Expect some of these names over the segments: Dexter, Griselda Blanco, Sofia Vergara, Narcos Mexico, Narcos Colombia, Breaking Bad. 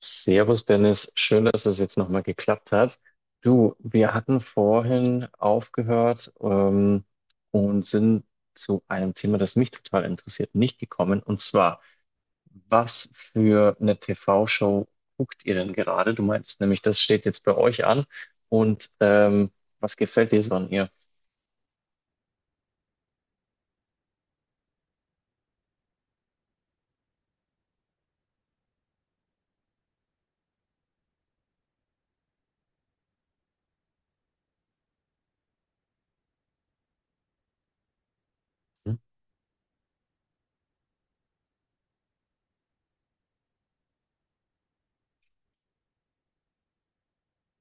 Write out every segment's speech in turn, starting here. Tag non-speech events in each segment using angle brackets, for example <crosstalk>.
Servus Dennis, schön, dass es jetzt nochmal geklappt hat. Du, wir hatten vorhin aufgehört, und sind zu einem Thema, das mich total interessiert, nicht gekommen. Und zwar, was für eine TV-Show guckt ihr denn gerade? Du meintest nämlich, das steht jetzt bei euch an. Und was gefällt dir so an ihr? Hm?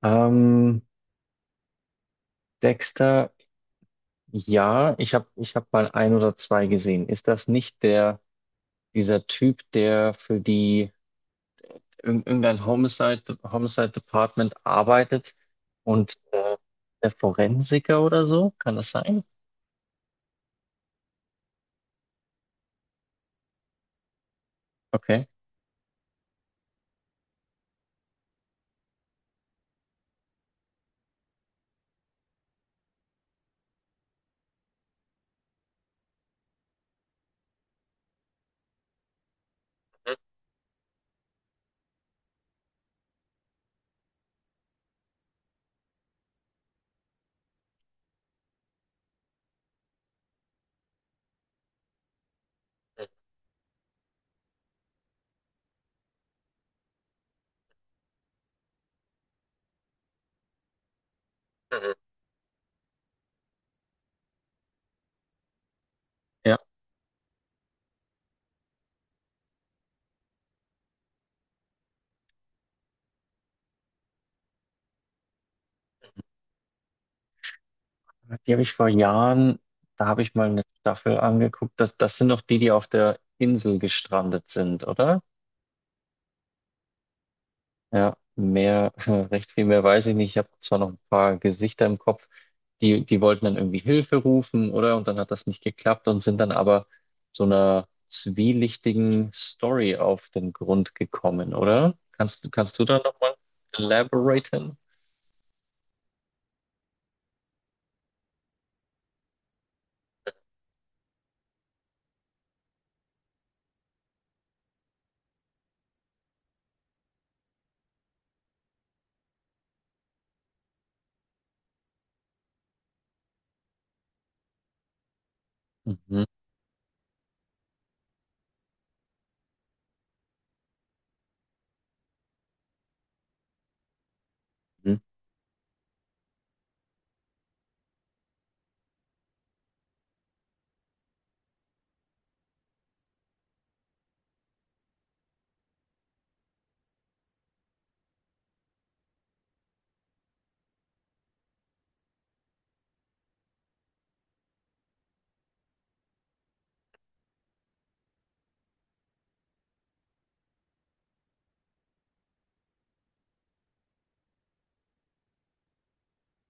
Ähm, Dexter, ja, ich hab mal ein oder zwei gesehen. Ist das nicht der, dieser Typ, der für die irgendein Homicide Department arbeitet und der Forensiker oder so, kann das sein? Okay. Mhm. Mhm. Ja, die habe ich vor Jahren, da habe ich mal eine Staffel angeguckt. Das, das sind doch die, die auf der Insel gestrandet sind, oder? Ja, mehr, <laughs> recht viel mehr weiß ich nicht. Ich habe zwar noch ein paar Gesichter im Kopf, die, die wollten dann irgendwie Hilfe rufen, oder? Und dann hat das nicht geklappt und sind dann aber so einer zwielichtigen Story auf den Grund gekommen, oder? Kannst, kannst du da nochmal elaboraten? Mhm. Mhm.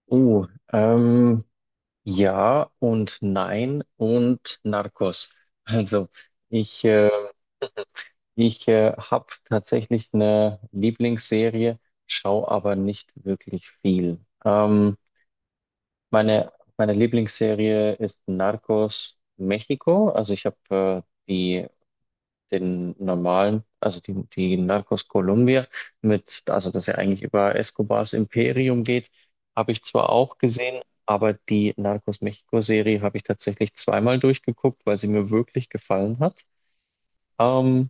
Oh, ähm, ja und nein und Narcos. Also, ich, äh, Ich habe tatsächlich eine Lieblingsserie, schaue aber nicht wirklich viel. Meine, meine Lieblingsserie ist Narcos Mexiko. Also ich habe die den normalen, also die Narcos Colombia mit, also dass ja eigentlich über Escobars Imperium geht, habe ich zwar auch gesehen, aber die Narcos Mexiko Serie habe ich tatsächlich zweimal durchgeguckt, weil sie mir wirklich gefallen hat. Ähm,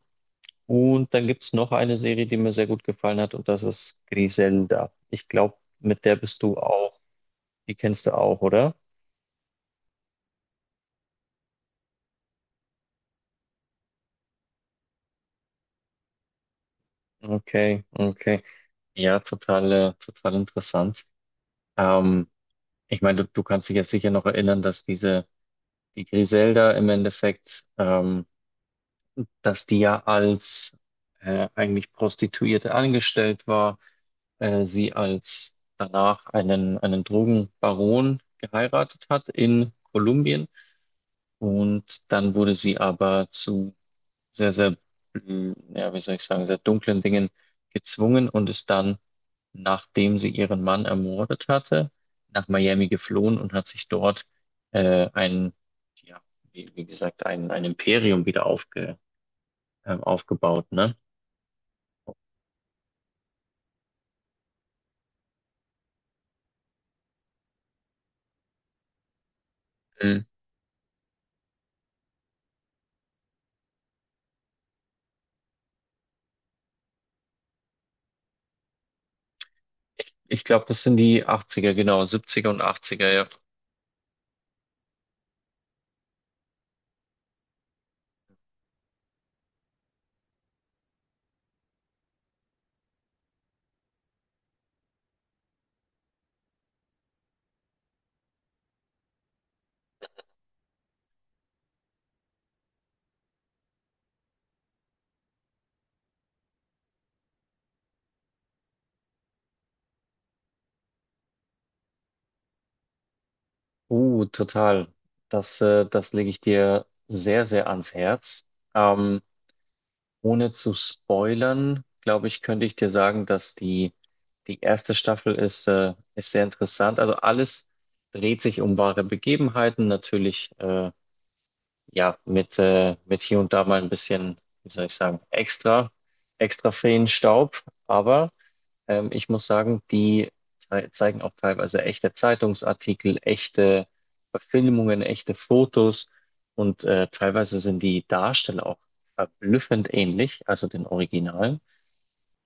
und dann gibt's noch eine Serie, die mir sehr gut gefallen hat, und das ist Griselda. Ich glaube, mit der bist du auch. Die kennst du auch, oder? Okay, okay. Ja, total, total interessant. Ähm, ich meine, du kannst dich jetzt sicher noch erinnern, dass die Griselda im Endeffekt, dass die ja als eigentlich Prostituierte angestellt war, sie als danach einen Drogenbaron geheiratet hat in Kolumbien. Und dann wurde sie aber zu sehr, sehr, ja, wie soll ich sagen, sehr dunklen Dingen gezwungen und ist dann, nachdem sie ihren Mann ermordet hatte, nach Miami geflohen und hat sich dort äh, ein, ja, wie, wie gesagt, ein Imperium wieder aufgebaut, ne? Mm. Ich glaube, das sind die 80er, genau, 70er und 80er, ja. Total. Das, das lege ich dir sehr, sehr ans Herz. Ähm, Ohne zu spoilern, glaube ich, könnte ich dir sagen, dass die erste Staffel ist sehr interessant. Also alles dreht sich um wahre Begebenheiten, natürlich ja mit hier und da mal ein bisschen, wie soll ich sagen, extra Feenstaub, aber ich muss sagen, die zeigen auch teilweise echte Zeitungsartikel, echte Verfilmungen, echte Fotos und teilweise sind die Darsteller auch verblüffend ähnlich, also den Originalen.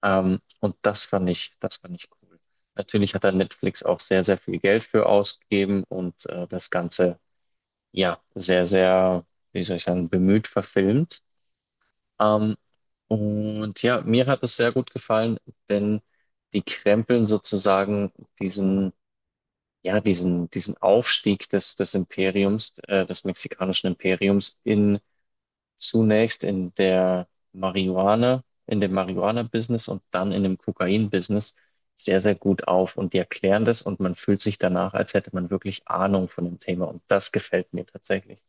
Und das fand ich cool. Natürlich hat da Netflix auch sehr, sehr viel Geld für ausgegeben und das Ganze ja sehr, sehr, wie soll ich sagen, bemüht verfilmt. Ähm, und ja, mir hat es sehr gut gefallen, denn die krempeln sozusagen diesen, ja, diesen Aufstieg des, des Imperiums, des mexikanischen Imperiums in zunächst in der in dem Marihuana-Business und dann in dem Kokain-Business sehr, sehr gut auf. Und die erklären das und man fühlt sich danach, als hätte man wirklich Ahnung von dem Thema. Und das gefällt mir tatsächlich.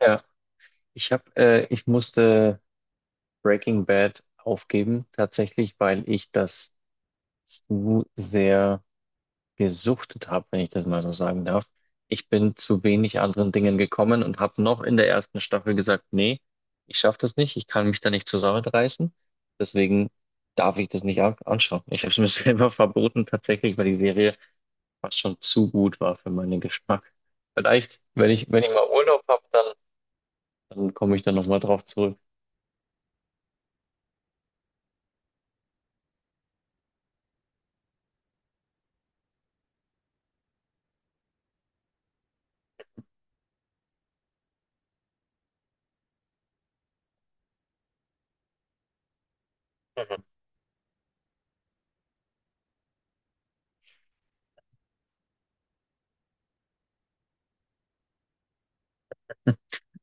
Ja, ich musste Breaking Bad aufgeben, tatsächlich, weil ich das zu sehr gesuchtet habe, wenn ich das mal so sagen darf. Ich bin zu wenig anderen Dingen gekommen und habe noch in der ersten Staffel gesagt, nee, ich schaffe das nicht, ich kann mich da nicht zusammenreißen, deswegen darf ich das nicht anschauen. Ich habe es mir <laughs> selber verboten, tatsächlich, weil die Serie fast schon zu gut war für meinen Geschmack. Vielleicht, wenn ich mal Urlaub habe, dann, dann komme ich da nochmal drauf zurück.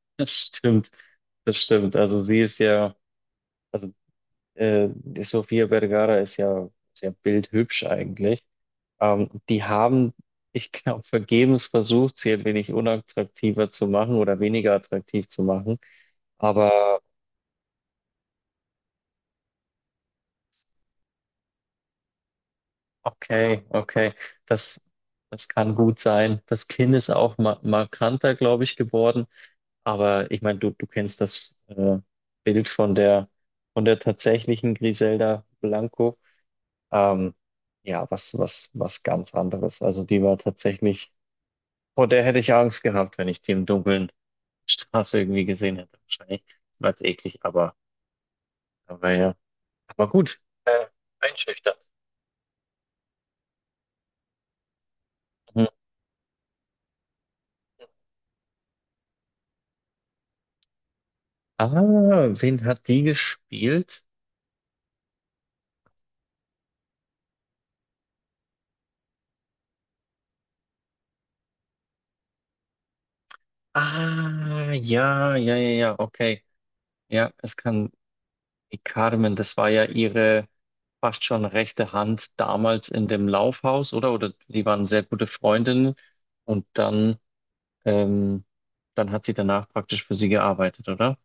<laughs> Das stimmt, das stimmt. Also sie ist ja, also die Sofia Vergara ist ja sehr bildhübsch eigentlich. Ähm, die haben, ich glaube, vergebens versucht, sie ein wenig unattraktiver zu machen oder weniger attraktiv zu machen. Aber okay, okay, das, das kann gut sein. Das Kinn ist auch ma markanter, glaube ich, geworden. Aber ich meine, du kennst das Bild von der tatsächlichen Griselda Blanco. Ähm, ja, was, was, was ganz anderes. Also die war tatsächlich, vor der hätte ich Angst gehabt, wenn ich die im Dunkeln <laughs> Straße irgendwie gesehen hätte. Wahrscheinlich war es eklig, aber ja. Aber gut. Einschüchternd. Mhm. Ah, wen hat die gespielt? Ah, ja, ja, ja, ja, okay. Ja, es kann die Carmen, das war ja ihre fast schon rechte Hand damals in dem Laufhaus, oder? Oder die waren sehr gute Freundinnen. Und dann Ähm, dann hat sie danach praktisch für sie gearbeitet, oder?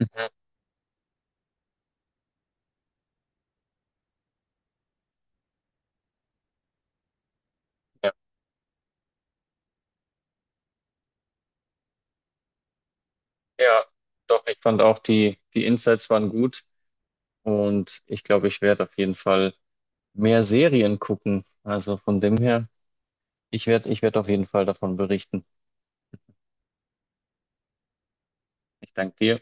Mhm. Ja, ja, doch, ich fand auch die, die Insights waren gut und ich glaube, ich werde auf jeden Fall mehr Serien gucken. Also von dem her, ich werde auf jeden Fall davon berichten. Ich danke dir.